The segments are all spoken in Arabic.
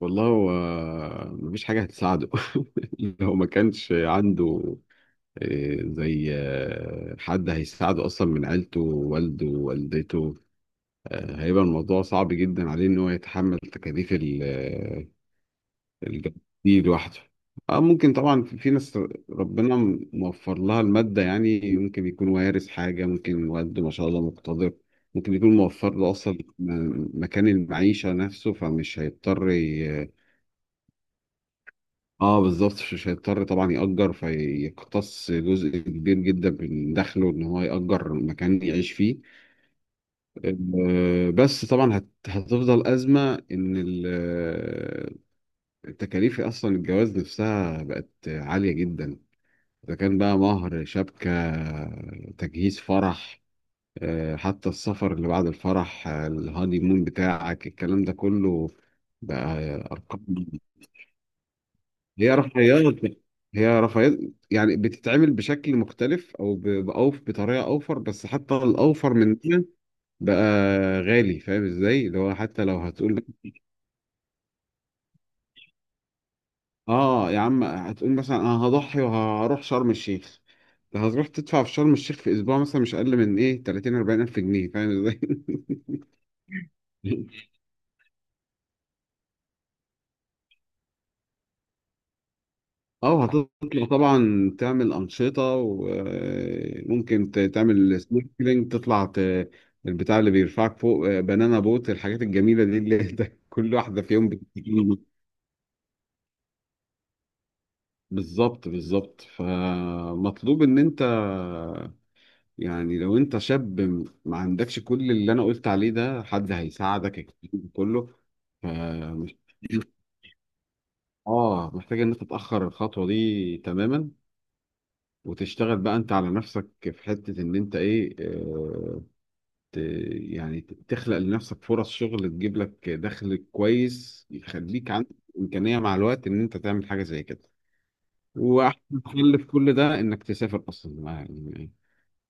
والله، هو مفيش حاجة هتساعده. لو ما كانش عنده زي حد هيساعده أصلا من عيلته والده ووالدته، هيبقى الموضوع صعب جدا عليه إن هو يتحمل تكاليف الجواز دي لوحده. اه، ممكن طبعا في ناس ربنا موفر لها المادة، يعني ممكن يكون وارث حاجة، ممكن والده ما شاء الله مقتدر، ممكن يكون موفر له أصلا مكان المعيشة نفسه، فمش هيضطر. اه بالظبط، مش هيضطر طبعا يأجر فيقتص جزء كبير جدا من دخله ان هو يأجر مكان يعيش فيه. بس طبعا هتفضل أزمة ان التكاليف اصلا الجواز نفسها بقت عالية جدا. اذا كان بقى مهر، شبكة، تجهيز، فرح، حتى السفر اللي بعد الفرح، الهاني مون بتاعك، الكلام ده كله بقى أرقام. هي رفاهيات، هي رفاهيات، يعني بتتعمل بشكل مختلف بأوف، بطريقه اوفر، بس حتى الاوفر من ده بقى غالي. فاهم ازاي؟ اللي هو حتى لو هتقول اه يا عم، هتقول مثلا انا هضحي وهروح شرم الشيخ، هتروح تدفع في شرم الشيخ في اسبوع مثلا مش اقل من ايه 30 40 الف جنيه، فاهم ازاي؟ اه، هتطلع طبعا تعمل أنشطة وممكن تعمل سنوركلينج، البتاع اللي بيرفعك فوق، بنانا بوت، الحاجات الجميلة دي اللي انت كل واحدة في يوم بتجيلي. بالظبط، بالظبط، فمطلوب ان انت يعني لو انت شاب ما عندكش كل اللي انا قلت عليه ده، حد هيساعدك الكلام ده كله، فمش، اه، محتاج ان انت تتأخر الخطوة دي تماما، وتشتغل بقى انت على نفسك في حتة ان انت ايه، ت تخلق لنفسك فرص شغل، تجيب لك دخل كويس يخليك عندك إمكانية مع الوقت ان انت تعمل حاجة زي كده. واحسن حل في كل ده انك تسافر اصلا، يعني إيه،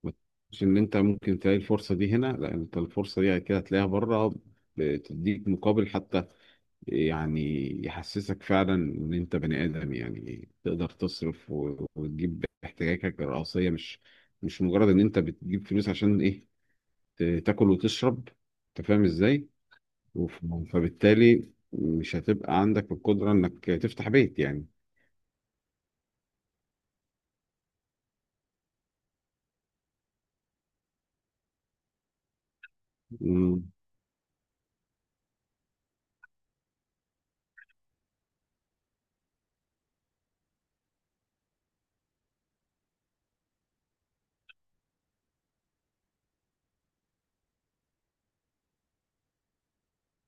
ما تقولش ان انت ممكن تلاقي الفرصة دي هنا، لا انت الفرصة دي كده هتلاقيها بره، بتديك مقابل حتى، يعني يحسسك فعلا ان انت بني ادم، يعني تقدر تصرف وتجيب احتياجاتك الرئيسيه، مش مجرد ان انت بتجيب فلوس عشان ايه، تاكل وتشرب. انت فاهم ازاي؟ وف- فبالتالي مش هتبقى عندك القدره انك تفتح بيت يعني. مم.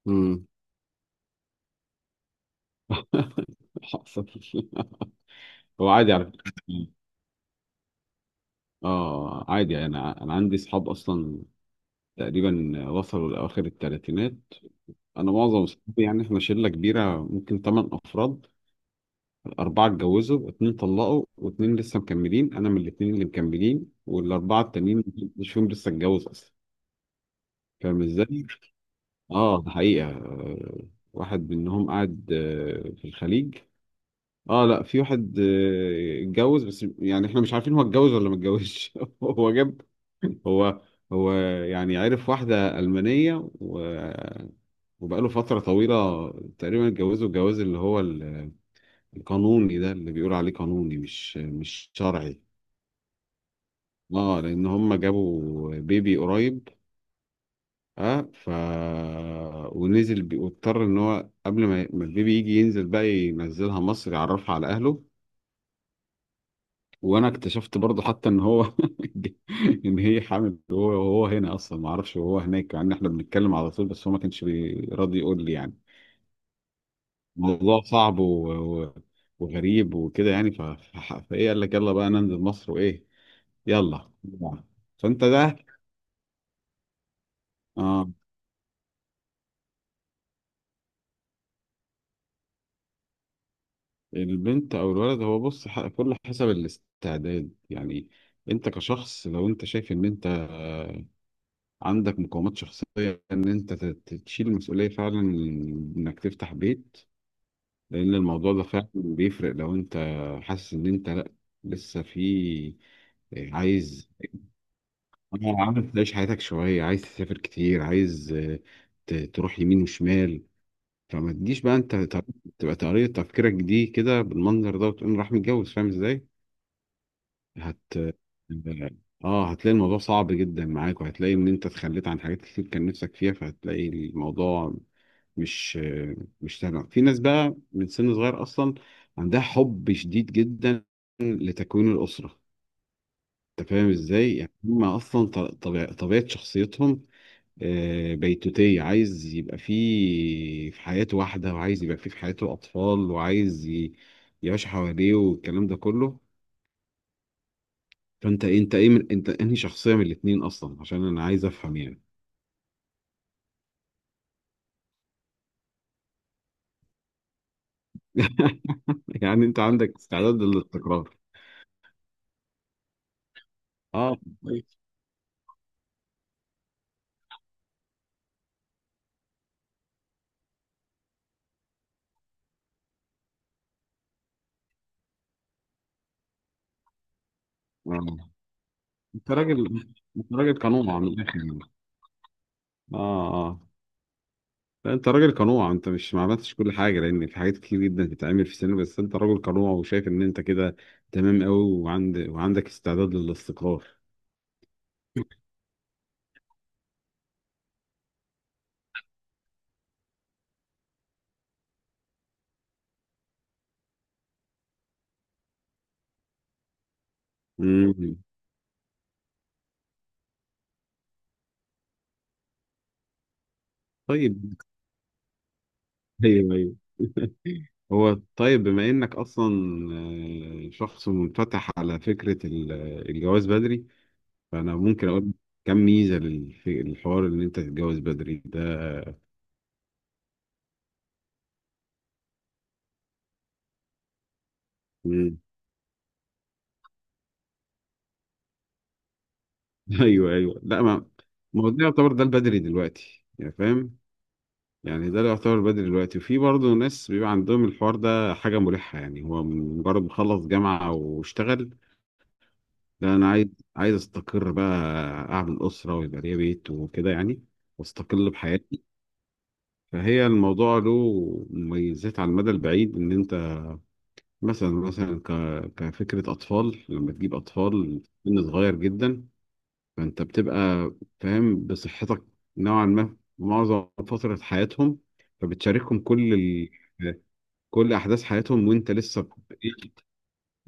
مم. حصل. هو عادي على فكره، اه عادي، انا عندي اصحاب اصلا تقريبا وصلوا لاواخر الثلاثينات. انا معظم اصحابي، يعني احنا شله كبيره ممكن ثمان افراد، أربعة اتجوزوا، اتنين طلقوا، واتنين لسه مكملين. أنا من الاتنين اللي مكملين، والأربعة التانيين مش فيهم لسه اتجوز أصلا. فاهم إزاي؟ ده حقيقة. واحد منهم قاعد في الخليج. آه، لا في واحد اتجوز، بس يعني إحنا مش عارفين هو اتجوز ولا ما اتجوزش. هو جاب، هو هو يعني عرف واحدة ألمانية وبقاله فترة طويلة، تقريبا اتجوزوا الجواز اللي هو قانوني، ده اللي بيقول عليه قانوني مش شرعي. اه لان هم جابوا بيبي قريب. اه ف ونزل واضطر ان هو قبل ما البيبي يجي ينزل بقى ينزلها مصر يعرفها على اهله. وانا اكتشفت برضه حتى ان هو ان هي حامل، وهو هنا اصلا ما اعرفش، وهو هناك، يعني احنا بنتكلم على طول، بس هو ما كانش راضي يقول لي يعني. موضوع صعب و... وغريب وكده يعني، فايه قال لك يلا بقى ننزل مصر وايه؟ يلا. فانت ده، اه البنت او الولد، هو بص، كله حسب الاستعداد يعني. انت كشخص، لو انت شايف ان انت عندك مقومات شخصية ان انت تشيل المسؤولية فعلا، انك تفتح بيت، لان الموضوع ده فعلا بيفرق. لو انت حاسس ان انت لا، لسه في، عايز، عايز تعيش حياتك شوية، عايز تسافر كتير، عايز، تروح يمين وشمال، فما تجيش بقى انت تبقى طريقة تفكيرك دي كده بالمنظر ده، وتقوم راح متجوز. فاهم ازاي؟ هت اه آه، هتلاقي الموضوع صعب جدا معاك، وهتلاقي ان انت اتخليت عن حاجات كتير كان نفسك فيها، فهتلاقي الموضوع مش مش سهل. في ناس بقى من سن صغير اصلا عندها حب شديد جدا لتكوين الاسرة. انت فاهم ازاي؟ يعني هم اصلا طبيعة شخصيتهم بيتوتية، عايز يبقى فيه في حياته واحدة، وعايز يبقى فيه في حياته أطفال، وعايز يعيش حواليه والكلام ده كله. فأنت إيه، من أنت، أنهي شخصية من الاتنين أصلا، عشان أنا عايز أفهم يعني. يعني أنت عندك استعداد للاستقرار؟ أه، كويس. آه. أنت راجل أنت راجل قانون على الآخر يعني. أه، اه، لا انت راجل قنوع، انت مش ما عملتش كل حاجه لان في حاجات كتير جدا تتعمل في السينما، بس انت راجل قنوع وشايف ان انت كده تمام قوي، وعندك استعداد للاستقرار. امم طيب، ايوه، ايوه، هو طيب، بما انك اصلا شخص منفتح على فكره الجواز بدري، فانا ممكن اقول كم ميزه للحوار ان انت تتجوز بدري ده. مم. ايوه، ايوه، لا، ما هو ده يعتبر ده البدري دلوقتي يعني، فاهم؟ يعني ده اللي يعتبر بدري دلوقتي، وفي برضه ناس بيبقى عندهم الحوار ده حاجة مريحة، يعني هو مجرد ما خلص جامعة واشتغل، لا أنا عايز أستقر بقى، أعمل أسرة ويبقى ليا بيت وكده يعني، وأستقل بحياتي. فهي الموضوع له مميزات على المدى البعيد، إن أنت مثلا كفكرة أطفال، لما تجيب أطفال سن صغير جدا، فأنت بتبقى فاهم بصحتك نوعا ما معظم فترة حياتهم، فبتشاركهم كل احداث حياتهم وانت لسه إيه؟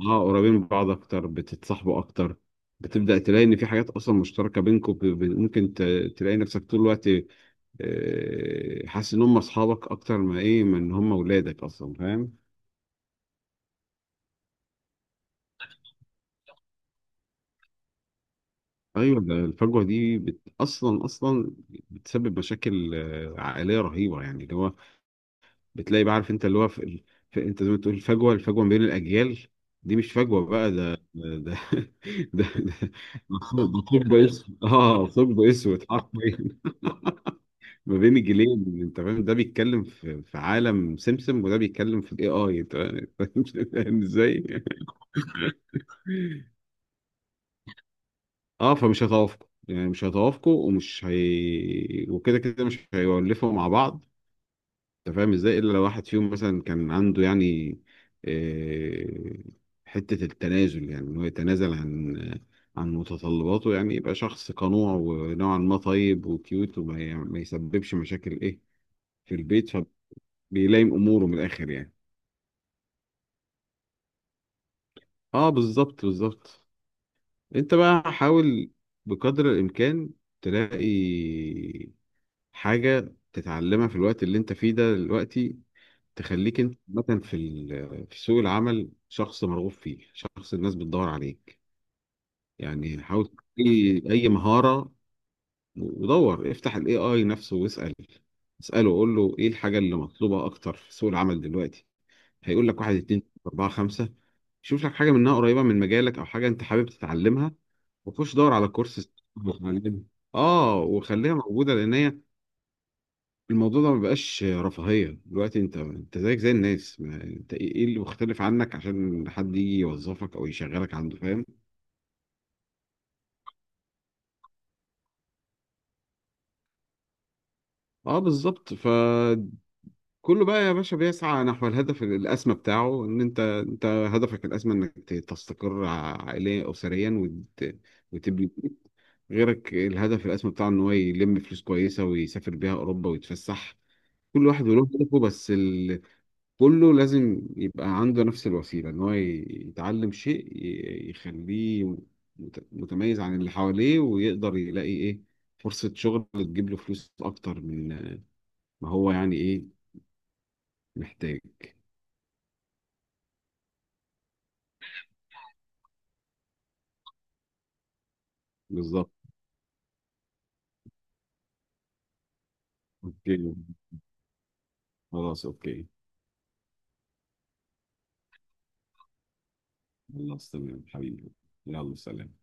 اه، قريبين من بعض اكتر، بتتصاحبوا اكتر، بتبدا تلاقي ان في حاجات اصلا مشتركه بينكم، ممكن تلاقي نفسك طول الوقت حاسس ان هم اصحابك اكتر، ما ايه ما ان هم ولادك اصلا، فاهم؟ ايوه، ده الفجوه دي اصلا اصلا بتسبب مشاكل عائليه رهيبه، يعني اللي هو بتلاقي بقى، عارف انت اللي هو في في، انت زي ما تقول الفجوه ما بين الاجيال، دي مش فجوه بقى، ده ده ده. ده ثقب، ده ثقب اسود، اه، ثقب اسود حرفيا ما بين الجيلين. انت فاهم، ده بيتكلم في عالم سمسم، وده بيتكلم في الاي اي، انت فاهم؟ فاهم ازاي؟ اه، فمش هيتوافقوا يعني، مش هيتوافقوا، ومش هي، وكده كده مش هيولفوا مع بعض. انت فاهم ازاي، الا لو واحد فيهم مثلا كان عنده يعني آه، حتة التنازل، يعني ان هو يتنازل عن متطلباته، يعني يبقى شخص قنوع ونوعا ما طيب وكيوت، وما ي- ما يسببش مشاكل ايه في البيت، فبيلائم اموره من الاخر يعني. اه بالظبط، بالظبط. انت بقى حاول بقدر الامكان تلاقي حاجة تتعلمها في الوقت اللي انت فيه ده دلوقتي، تخليك انت مثلا في في سوق العمل شخص مرغوب فيه، شخص الناس بتدور عليك. يعني حاول، اي اي مهارة، ودور افتح الاي اي نفسه واسأل، اسأله وقول له ايه الحاجة اللي مطلوبة اكتر في سوق العمل دلوقتي. هيقول لك واحد، اتنين، تلاتة، اربعة، خمسة، شوف لك حاجة منها قريبة من مجالك او حاجة انت حابب تتعلمها، وخش دور على كورس، اتعلمها، اه، وخليها موجودة، لان هي الموضوع ده ما بقاش رفاهية دلوقتي، انت زيك زي الناس، ما انت ايه، اللي مختلف عنك عشان حد يجي يوظفك او يشغلك عنده، فاهم؟ اه بالظبط، فكله بقى يا باشا بيسعى نحو الهدف الاسمى بتاعه، ان انت، هدفك الاسمى انك تستقر عائليا، اسريا، وتبني بيت. غيرك الهدف الاسمى بتاعه ان هو يلم فلوس كويسة ويسافر بيها اوروبا ويتفسح، كل واحد وله هدفه، بس كله لازم يبقى عنده نفس الوسيلة، إن هو يتعلم شيء يخليه متميز عن اللي حواليه، ويقدر يلاقي إيه فرصة شغل تجيب له فلوس أكتر من ما هو يعني إيه محتاج. بالظبط. أوكي، خلاص، أوكي، خلاص تمام حبيبي. يلا سلام.